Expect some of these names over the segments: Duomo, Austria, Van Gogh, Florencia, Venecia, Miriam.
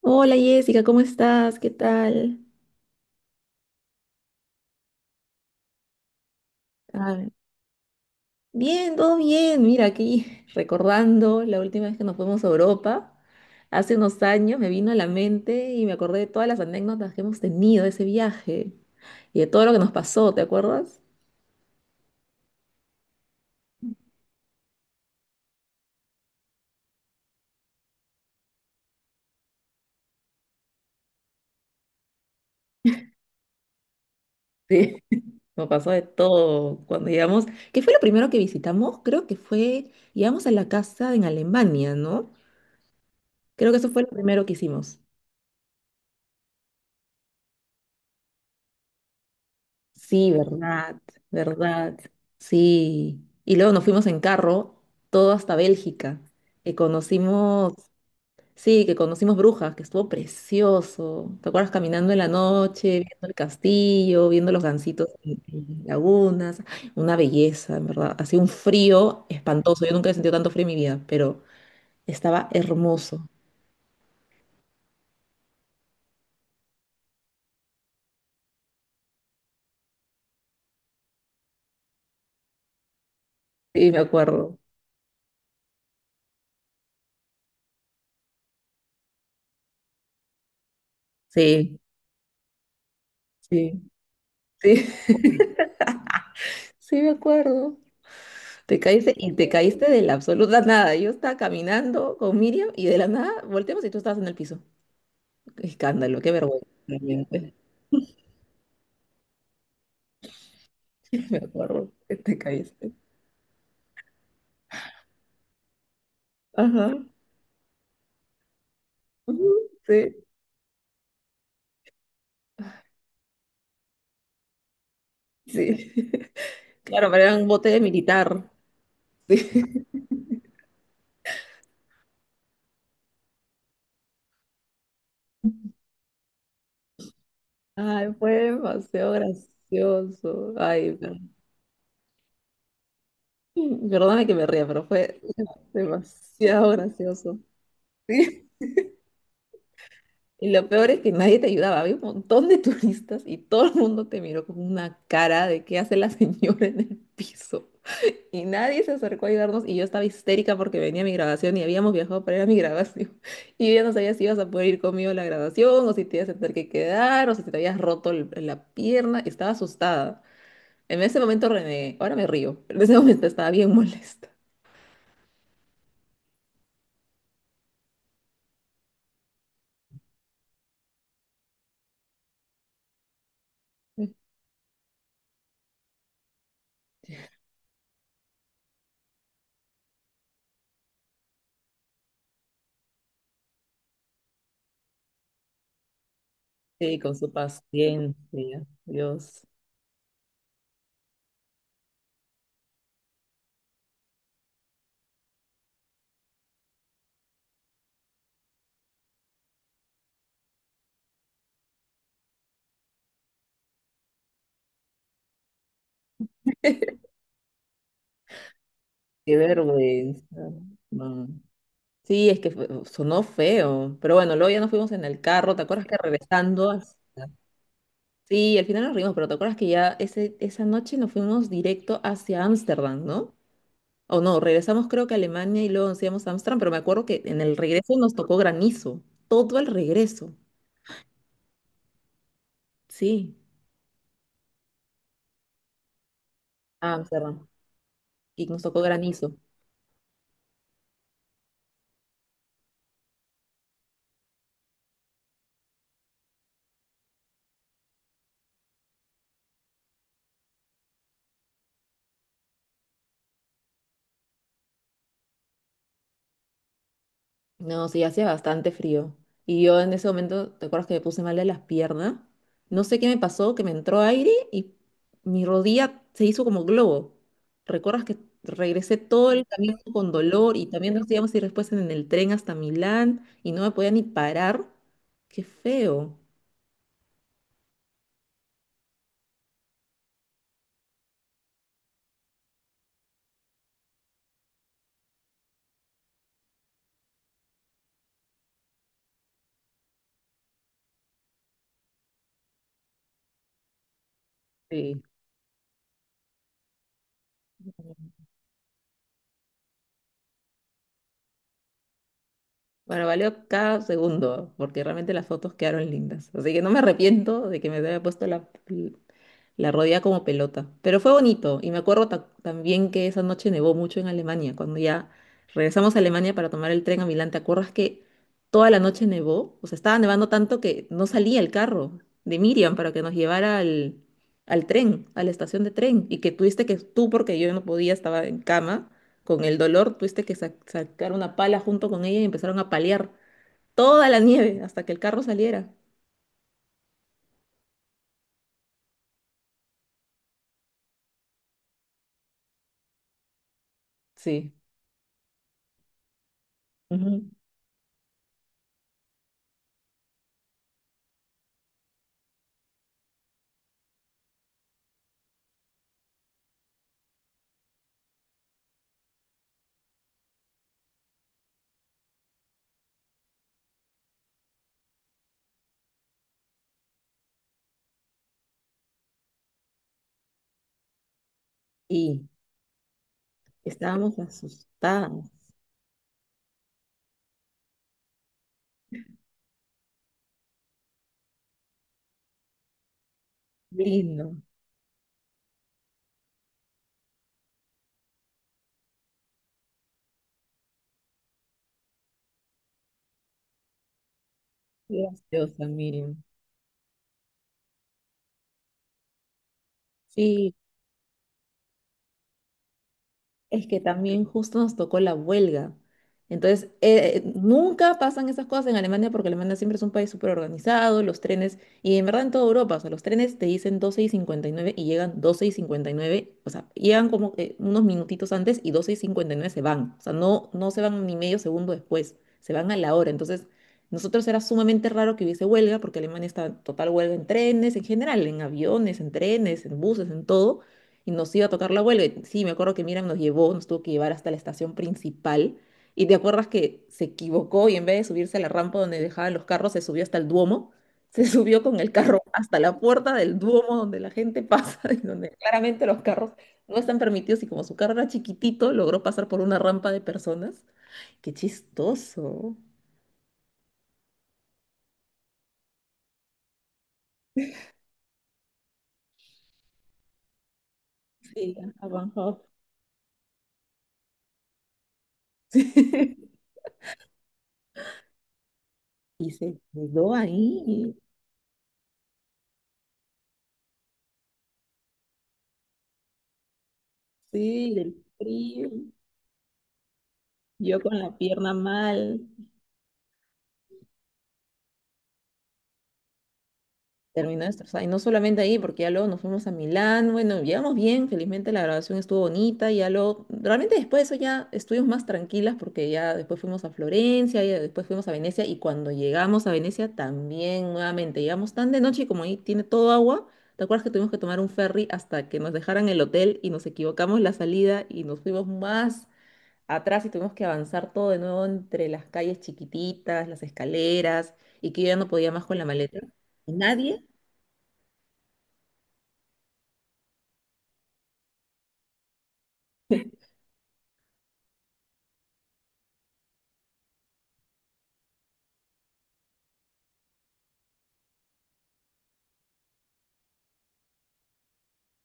Hola Jessica, ¿cómo estás? ¿Qué tal? Ah, bien, todo bien. Mira, aquí recordando la última vez que nos fuimos a Europa, hace unos años me vino a la mente y me acordé de todas las anécdotas que hemos tenido de ese viaje y de todo lo que nos pasó, ¿te acuerdas? Sí. Nos pasó de todo cuando llegamos. ¿Qué fue lo primero que visitamos? Creo que fue, llegamos a la casa en Alemania, ¿no? Creo que eso fue lo primero que hicimos. Sí, verdad, verdad, sí. Y luego nos fuimos en carro, todo hasta Bélgica, que conocimos, sí, que conocimos Brujas, que estuvo precioso. ¿Te acuerdas caminando en la noche, viendo el castillo, viendo los gansitos en lagunas? Una belleza, en verdad. Hacía un frío espantoso. Yo nunca he sentido tanto frío en mi vida, pero estaba hermoso. Sí, me acuerdo. Sí, sí, sí, sí, me acuerdo. Te caíste y te caíste de la absoluta nada. Yo estaba caminando con Miriam y de la nada volteamos y tú estabas en el piso. Qué escándalo, qué vergüenza. Realmente. Me acuerdo que te caíste. Ajá. Ujú, sí, sí. Claro, pero era un bote de militar. Sí. Ay, fue demasiado gracioso. Ay, perdóname que me ría, pero fue demasiado gracioso. Sí. Y lo peor es que nadie te ayudaba. Había un montón de turistas y todo el mundo te miró con una cara de qué hace la señora en el piso. Y nadie se acercó a ayudarnos y yo estaba histérica porque venía mi grabación y habíamos viajado para ir a mi grabación. Y yo ya no sabía si ibas a poder ir conmigo a la grabación o si te ibas a tener que quedar o si te habías roto la pierna. Estaba asustada. En ese momento renegué. Ahora me río, pero en ese momento estaba bien molesta. Sí, con su paciencia. Dios, qué vergüenza. No. Sí, es que sonó feo, pero bueno, luego ya nos fuimos en el carro, ¿te acuerdas que regresando hasta? Sí, al final nos reímos, pero ¿te acuerdas que ya ese, esa noche nos fuimos directo hacia Ámsterdam, ¿no? O no, regresamos creo que a Alemania y luego nos íbamos a Ámsterdam, pero me acuerdo que en el regreso nos tocó granizo, todo el regreso, sí, a Ámsterdam, y nos tocó granizo. No, sí, hacía bastante frío. Y yo en ese momento, ¿te acuerdas que me puse mal de las piernas? No sé qué me pasó, que me entró aire y mi rodilla se hizo como globo. ¿Recuerdas que regresé todo el camino con dolor y también nos íbamos a ir después en el tren hasta Milán y no me podía ni parar? ¡Qué feo! Sí. Bueno, valió cada segundo, porque realmente las fotos quedaron lindas. Así que no me arrepiento de que me haya puesto la, la rodea como pelota. Pero fue bonito. Y me acuerdo también que esa noche nevó mucho en Alemania. Cuando ya regresamos a Alemania para tomar el tren a Milán, ¿te acuerdas que toda la noche nevó? O sea, estaba nevando tanto que no salía el carro de Miriam para que nos llevara al, al tren, a la estación de tren. Y que tuviste que, tú, porque yo no podía, estaba en cama con el dolor, tuviste que sacar una pala junto con ella y empezaron a paliar toda la nieve hasta que el carro saliera. Sí. Ujú. Y estábamos asustadas. Lindo. Graciosa, Miriam. Sí, es que también justo nos tocó la huelga. Entonces, nunca pasan esas cosas en Alemania porque Alemania siempre es un país súper organizado, los trenes, y en verdad en toda Europa, o sea, los trenes te dicen 12:59 y llegan 12:59, o sea, llegan como que unos minutitos antes y 12:59 se van, o sea, no se van ni medio segundo después, se van a la hora. Entonces, nosotros era sumamente raro que hubiese huelga porque Alemania está en total huelga en trenes, en general, en aviones, en trenes, en buses, en todo y nos iba a tocar la huelga. Y sí, me acuerdo que Miriam nos llevó, nos tuvo que llevar hasta la estación principal. Y te acuerdas que se equivocó y en vez de subirse a la rampa donde dejaban los carros, se subió hasta el Duomo. Se subió con el carro hasta la puerta del Duomo donde la gente pasa y donde claramente los carros no están permitidos. Y como su carro era chiquitito, logró pasar por una rampa de personas. ¡Qué chistoso! Sí, a Van Gogh. Y se quedó ahí, sí, del frío. Yo con la pierna mal. Terminó destrozada. Y no solamente ahí, porque ya luego nos fuimos a Milán. Bueno, llegamos bien, felizmente la grabación estuvo bonita. Y ya luego, realmente después de eso ya estuvimos más tranquilas porque ya después fuimos a Florencia, y después fuimos a Venecia. Y cuando llegamos a Venecia también nuevamente, llegamos tan de noche y como ahí tiene todo agua, ¿te acuerdas que tuvimos que tomar un ferry hasta que nos dejaran el hotel y nos equivocamos la salida y nos fuimos más atrás y tuvimos que avanzar todo de nuevo entre las calles chiquititas, las escaleras y que yo ya no podía más con la maleta? Nadie.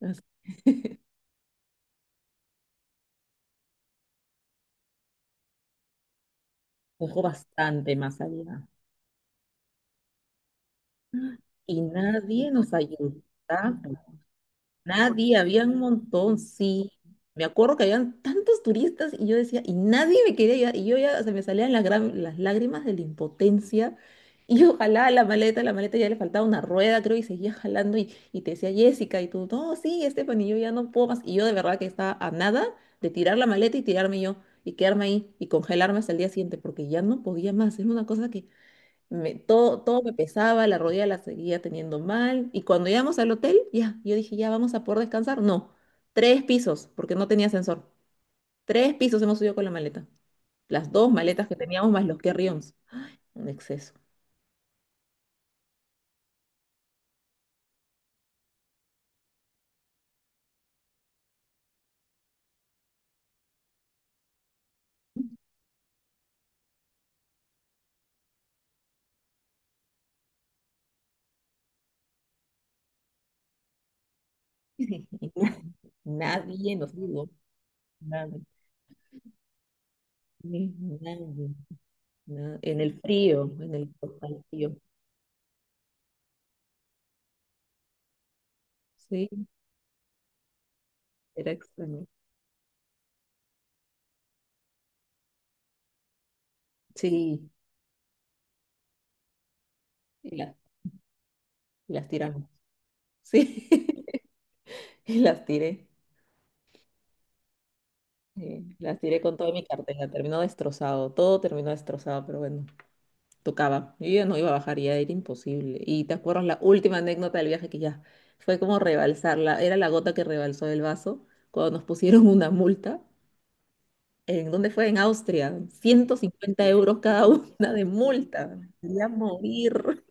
Así- Ojo, bastante más allá. Y nadie nos ayudaba. Nadie, había un montón, sí. Me acuerdo que habían tantos turistas y yo decía, y nadie me quería ayudar. Y yo ya, se me salían las, las lágrimas de la impotencia. Y yo jalaba la maleta ya le faltaba una rueda, creo, y seguía jalando. Y te decía Jessica, y tú, no, sí, Estefanía, yo ya no puedo más. Y yo de verdad que estaba a nada de tirar la maleta y tirarme yo, y quedarme ahí, y congelarme hasta el día siguiente, porque ya no podía más. Es una cosa que todo, todo me pesaba, la rodilla la seguía teniendo mal. Y cuando llegamos al hotel, ya, yo dije, ya vamos a poder descansar. No, tres pisos, porque no tenía ascensor. Tres pisos hemos subido con la maleta. Las dos maletas que teníamos más los carry-ons. Un exceso. Y nadie nos dijo. Nadie, nadie, en el frío, en el total frío. Sí, era extraño. Sí, y y las tiramos. Sí, y las tiré. Sí, las tiré con toda mi cartera, terminó destrozado, todo terminó destrozado, pero bueno, tocaba. Yo ya no iba a bajar, ya era imposible. Y te acuerdas la última anécdota del viaje que ya fue como rebalsarla, era la gota que rebalsó el vaso cuando nos pusieron una multa. ¿En dónde fue? En Austria, 150 euros cada una de multa. Me quería morir.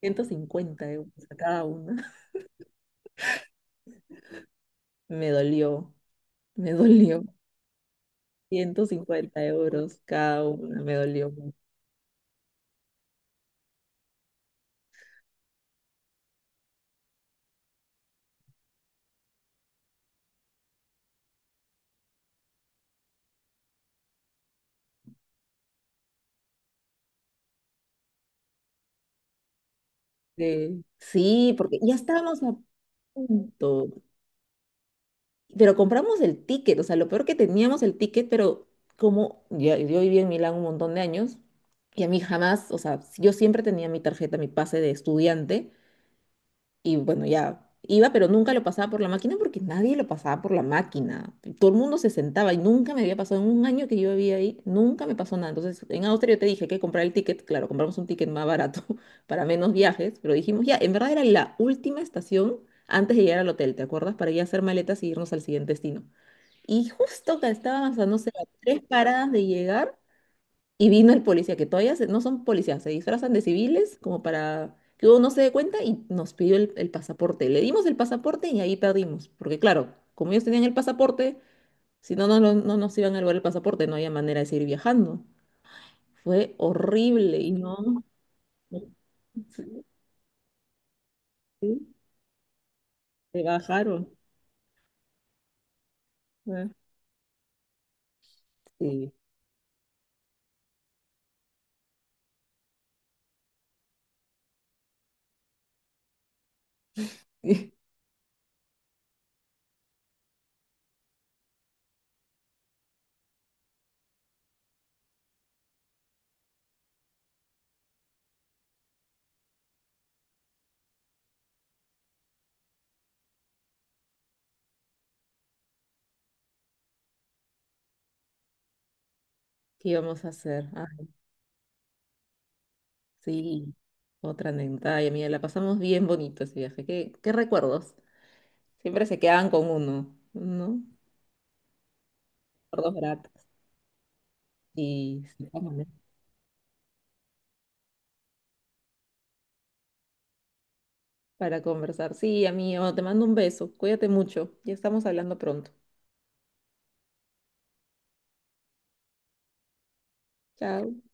150 euros a cada una. Me dolió, me dolió. 150 euros cada una, me dolió. Sí, sí, porque ya estábamos a punto, pero compramos el ticket, o sea, lo peor que teníamos el ticket, pero como ya, yo viví en Milán un montón de años y a mí jamás, o sea, yo siempre tenía mi tarjeta, mi pase de estudiante y bueno, ya iba, pero nunca lo pasaba por la máquina porque nadie lo pasaba por la máquina. Todo el mundo se sentaba y nunca me había pasado en un año que yo vivía ahí, nunca me pasó nada. Entonces, en Austria yo te dije que comprar el ticket, claro, compramos un ticket más barato para menos viajes, pero dijimos ya, en verdad era la última estación antes de llegar al hotel, ¿te acuerdas? Para ir a hacer maletas y irnos al siguiente destino. Y justo que estábamos a, no sé, a tres paradas de llegar, y vino el policía, que todavía no son policías, se disfrazan de civiles como para que uno no se dé cuenta y nos pidió el pasaporte. Le dimos el pasaporte y ahí perdimos, porque claro, como ellos tenían el pasaporte, si no nos iban a llevar el pasaporte, no había manera de seguir viajando. Fue horrible y no, sí, sí, se bajaron. Ah, sí. ¿Qué íbamos a hacer? Ah, sí, otra anécdota. Ay, amiga, la pasamos bien bonito ese viaje. ¿Qué, qué recuerdos? Siempre se quedan con uno, ¿no? Por dos gratis y sí, vámonos, para conversar. Sí, amigo, te mando un beso. Cuídate mucho. Ya estamos hablando pronto. Chao.